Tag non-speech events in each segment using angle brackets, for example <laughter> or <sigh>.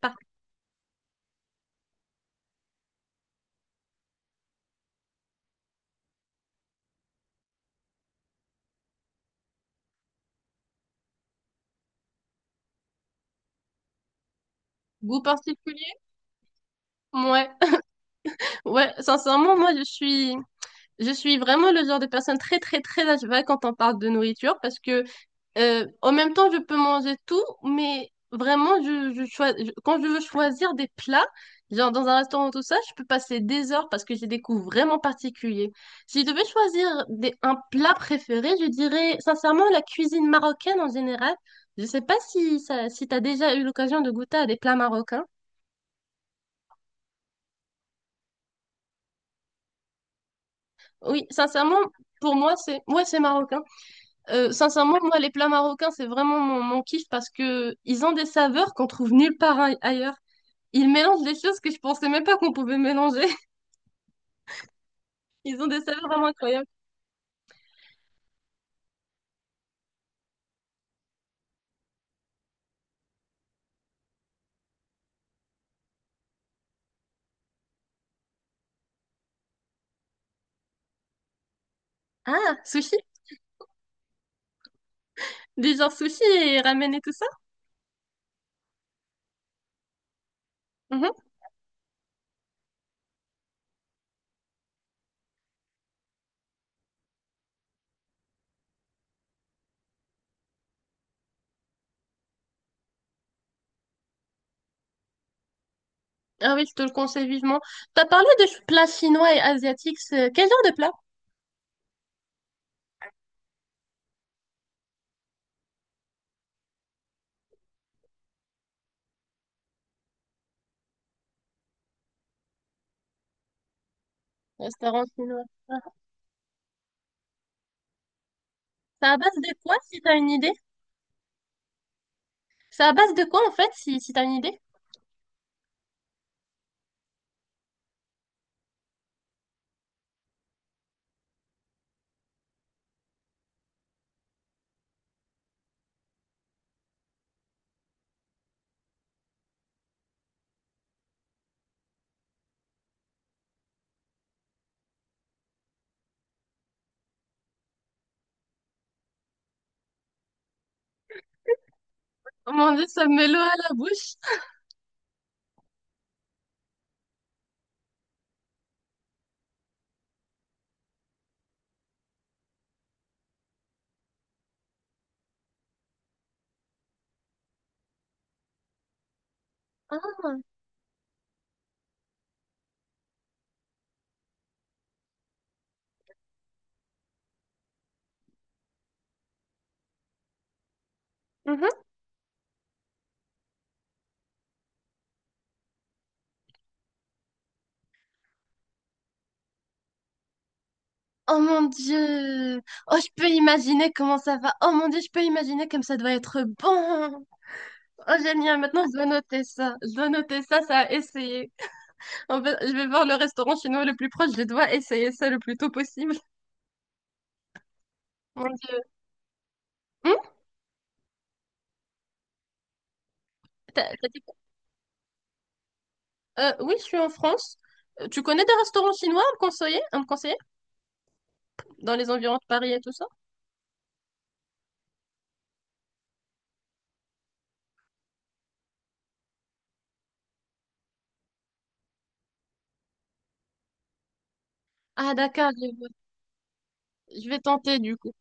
Par goût particulier? Ouais. Ouais, sincèrement, moi, je suis vraiment le genre de personne très, très, très à cheval quand on parle de nourriture parce que, en même temps, je peux manger tout, mais vraiment, quand je veux choisir des plats, genre dans un restaurant ou tout ça, je peux passer des heures parce que j'ai des goûts vraiment particuliers. Si je devais choisir des, un plat préféré, je dirais, sincèrement, la cuisine marocaine en général. Je sais pas si ça, si t'as déjà eu l'occasion de goûter à des plats marocains. Oui, sincèrement, pour moi, c'est ouais, c'est marocain. Sincèrement, moi, les plats marocains, c'est vraiment mon kiff parce que ils ont des saveurs qu'on trouve nulle part ailleurs. Ils mélangent des choses que je pensais même pas qu'on pouvait mélanger. <laughs> Ils ont des saveurs vraiment incroyables. Ah, sushi? Du genre sushi et ramen et tout ça? Mhm. Ah oui, je te le conseille vivement. T'as parlé de plats chinois et asiatiques. Quel genre de plat? Restaurant chinois. Ah. C'est à base de quoi, si t'as une idée? C'est à base de quoi, en fait, si t'as une idée? Oh mon Dieu, ça me met l'eau à la bouche. Ah. Mhm. Oh mon Dieu! Oh, je peux imaginer comment ça va. Oh mon Dieu, je peux imaginer comme ça doit être bon. Oh, génial. Maintenant, je dois noter ça. Je dois noter ça, ça a essayé. En fait, je vais voir le restaurant chinois le plus proche. Je dois essayer ça le plus tôt possible. <laughs> Mon Dieu. Hum t'as dit quoi? Oui, je suis en France. Tu connais des restaurants chinois à me conseiller, à me conseiller? Dans les environs de Paris et tout ça? Ah, d'accord, je vois. Je vais tenter du coup.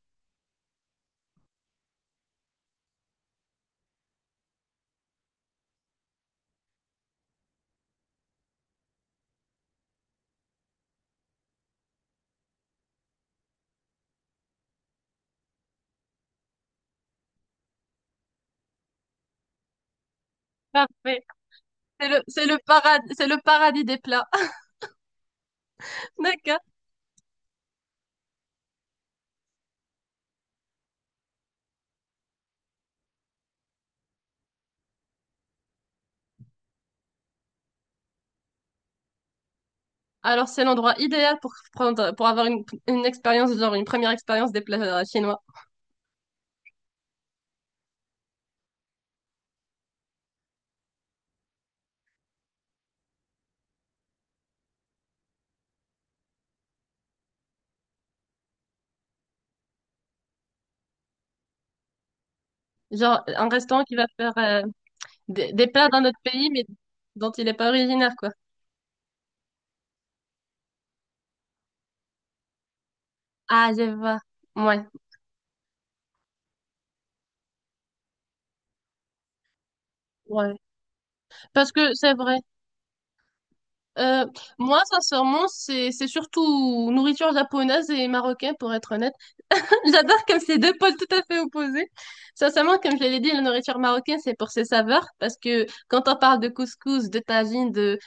Parfait. C'est le paradis, c'est le paradis des plats. <laughs> D'accord. Alors, c'est l'endroit idéal pour prendre, pour avoir une expérience, genre une première expérience des plats chinois. Genre, un restaurant qui va faire des plats d'un autre pays, mais dont il n'est pas originaire, quoi. Ah, je vois. Ouais, ouais. Parce que c'est vrai. Euh, Moi, sincèrement, c'est surtout nourriture japonaise et marocaine, pour être honnête. J'adore comme c'est deux pôles tout à fait opposés. Sincèrement, comme je l'ai dit, la nourriture marocaine, c'est pour ses saveurs, parce que quand on parle de couscous, de tagine, de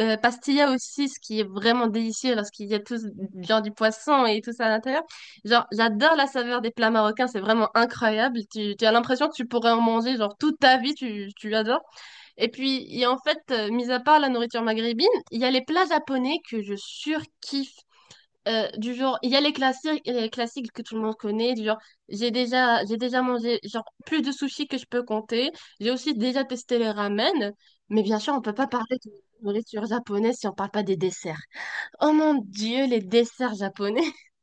pastilla aussi, ce qui est vraiment délicieux lorsqu'il y a tout, genre du poisson et tout ça à l'intérieur, genre j'adore la saveur des plats marocains, c'est vraiment incroyable. Tu as l'impression que tu pourrais en manger genre toute ta vie, tu adores. Et puis, il y a en fait, mis à part la nourriture maghrébine, il y a les plats japonais que je surkiffe. Du genre, il y a les classiques que tout le monde connaît, du genre, j'ai déjà mangé genre plus de sushis que je peux compter. J'ai aussi déjà testé les ramen, mais bien sûr, on peut pas parler de nourriture japonaise si on parle pas des desserts. Oh mon Dieu, les desserts japonais. <laughs>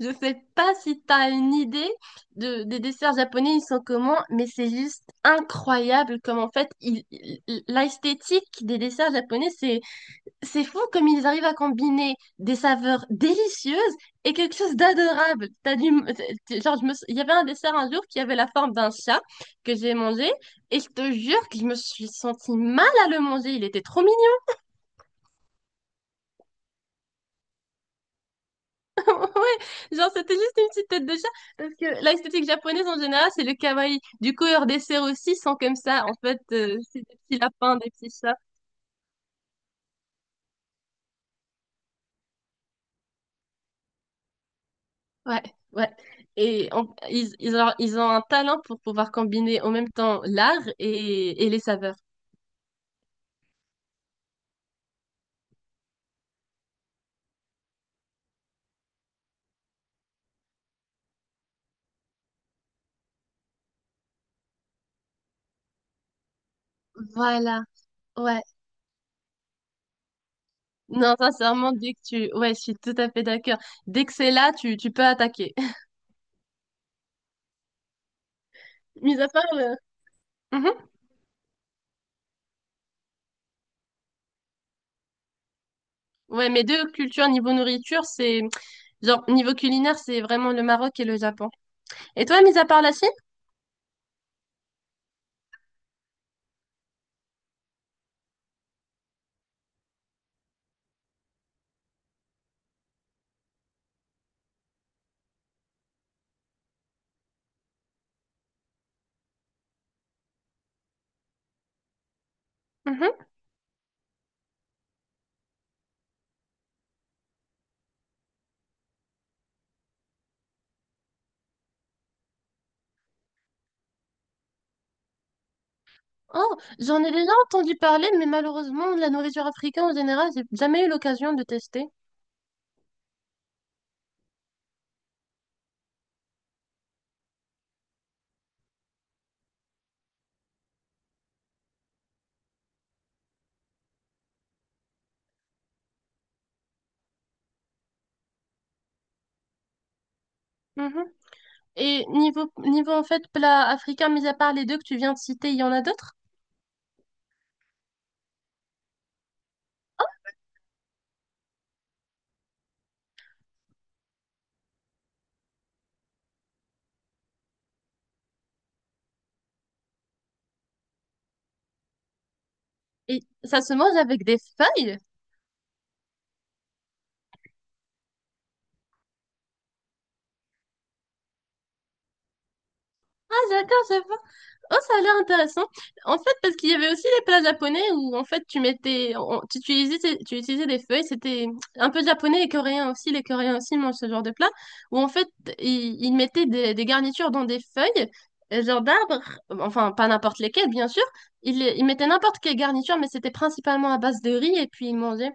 Je sais pas si tu as une idée de, des desserts japonais, ils sont comment, mais c'est juste incroyable comme en fait, l'esthétique des desserts japonais, c'est fou comme ils arrivent à combiner des saveurs délicieuses et quelque chose d'adorable. T'as du... Genre, il y avait un dessert un jour qui avait la forme d'un chat que j'ai mangé et je te jure que je me suis sentie mal à le manger. Il était trop mignon. <laughs> Ouais, genre, c'était juste une petite tête de chat parce que l'esthétique japonaise en général, c'est le kawaii. Du coup, leurs desserts aussi sont comme ça. En fait, c'est des petits lapins, des petits chats. Ouais, ouais. Ils ont un talent pour pouvoir combiner en même temps l'art et les saveurs. Voilà, ouais. Non, sincèrement, dès que tu... Ouais, je suis tout à fait d'accord. Dès que c'est là, tu peux attaquer. <laughs> Mis à part le... Mhm. Ouais, mes deux cultures niveau nourriture, c'est... Genre, niveau culinaire, c'est vraiment le Maroc et le Japon. Et toi, mis à part la Chine? Mhm. Oh, j'en ai déjà entendu parler, mais malheureusement, la nourriture africaine en général, j'ai jamais eu l'occasion de tester. Mhm. Et niveau, niveau en fait plat africain, mis à part les deux que tu viens de citer, il y en a d'autres? Et ça se mange avec des feuilles? Ah d'accord, je vois. Oh, ça a l'air intéressant. En fait, parce qu'il y avait aussi les plats japonais où en fait tu utilisais des feuilles. C'était un peu japonais et coréen aussi. Les Coréens aussi mangent ce genre de plat où en fait ils mettaient des garnitures dans des feuilles, genre d'arbres. Enfin, pas n'importe lesquelles, bien sûr. Ils mettaient n'importe quelle garniture, mais c'était principalement à base de riz et puis ils mangeaient.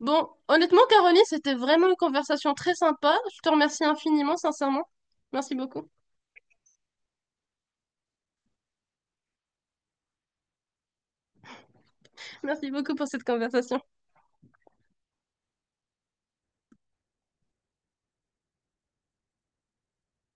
Bon, honnêtement, Caroline, c'était vraiment une conversation très sympa. Je te remercie infiniment, sincèrement. Merci beaucoup. Merci beaucoup pour cette conversation.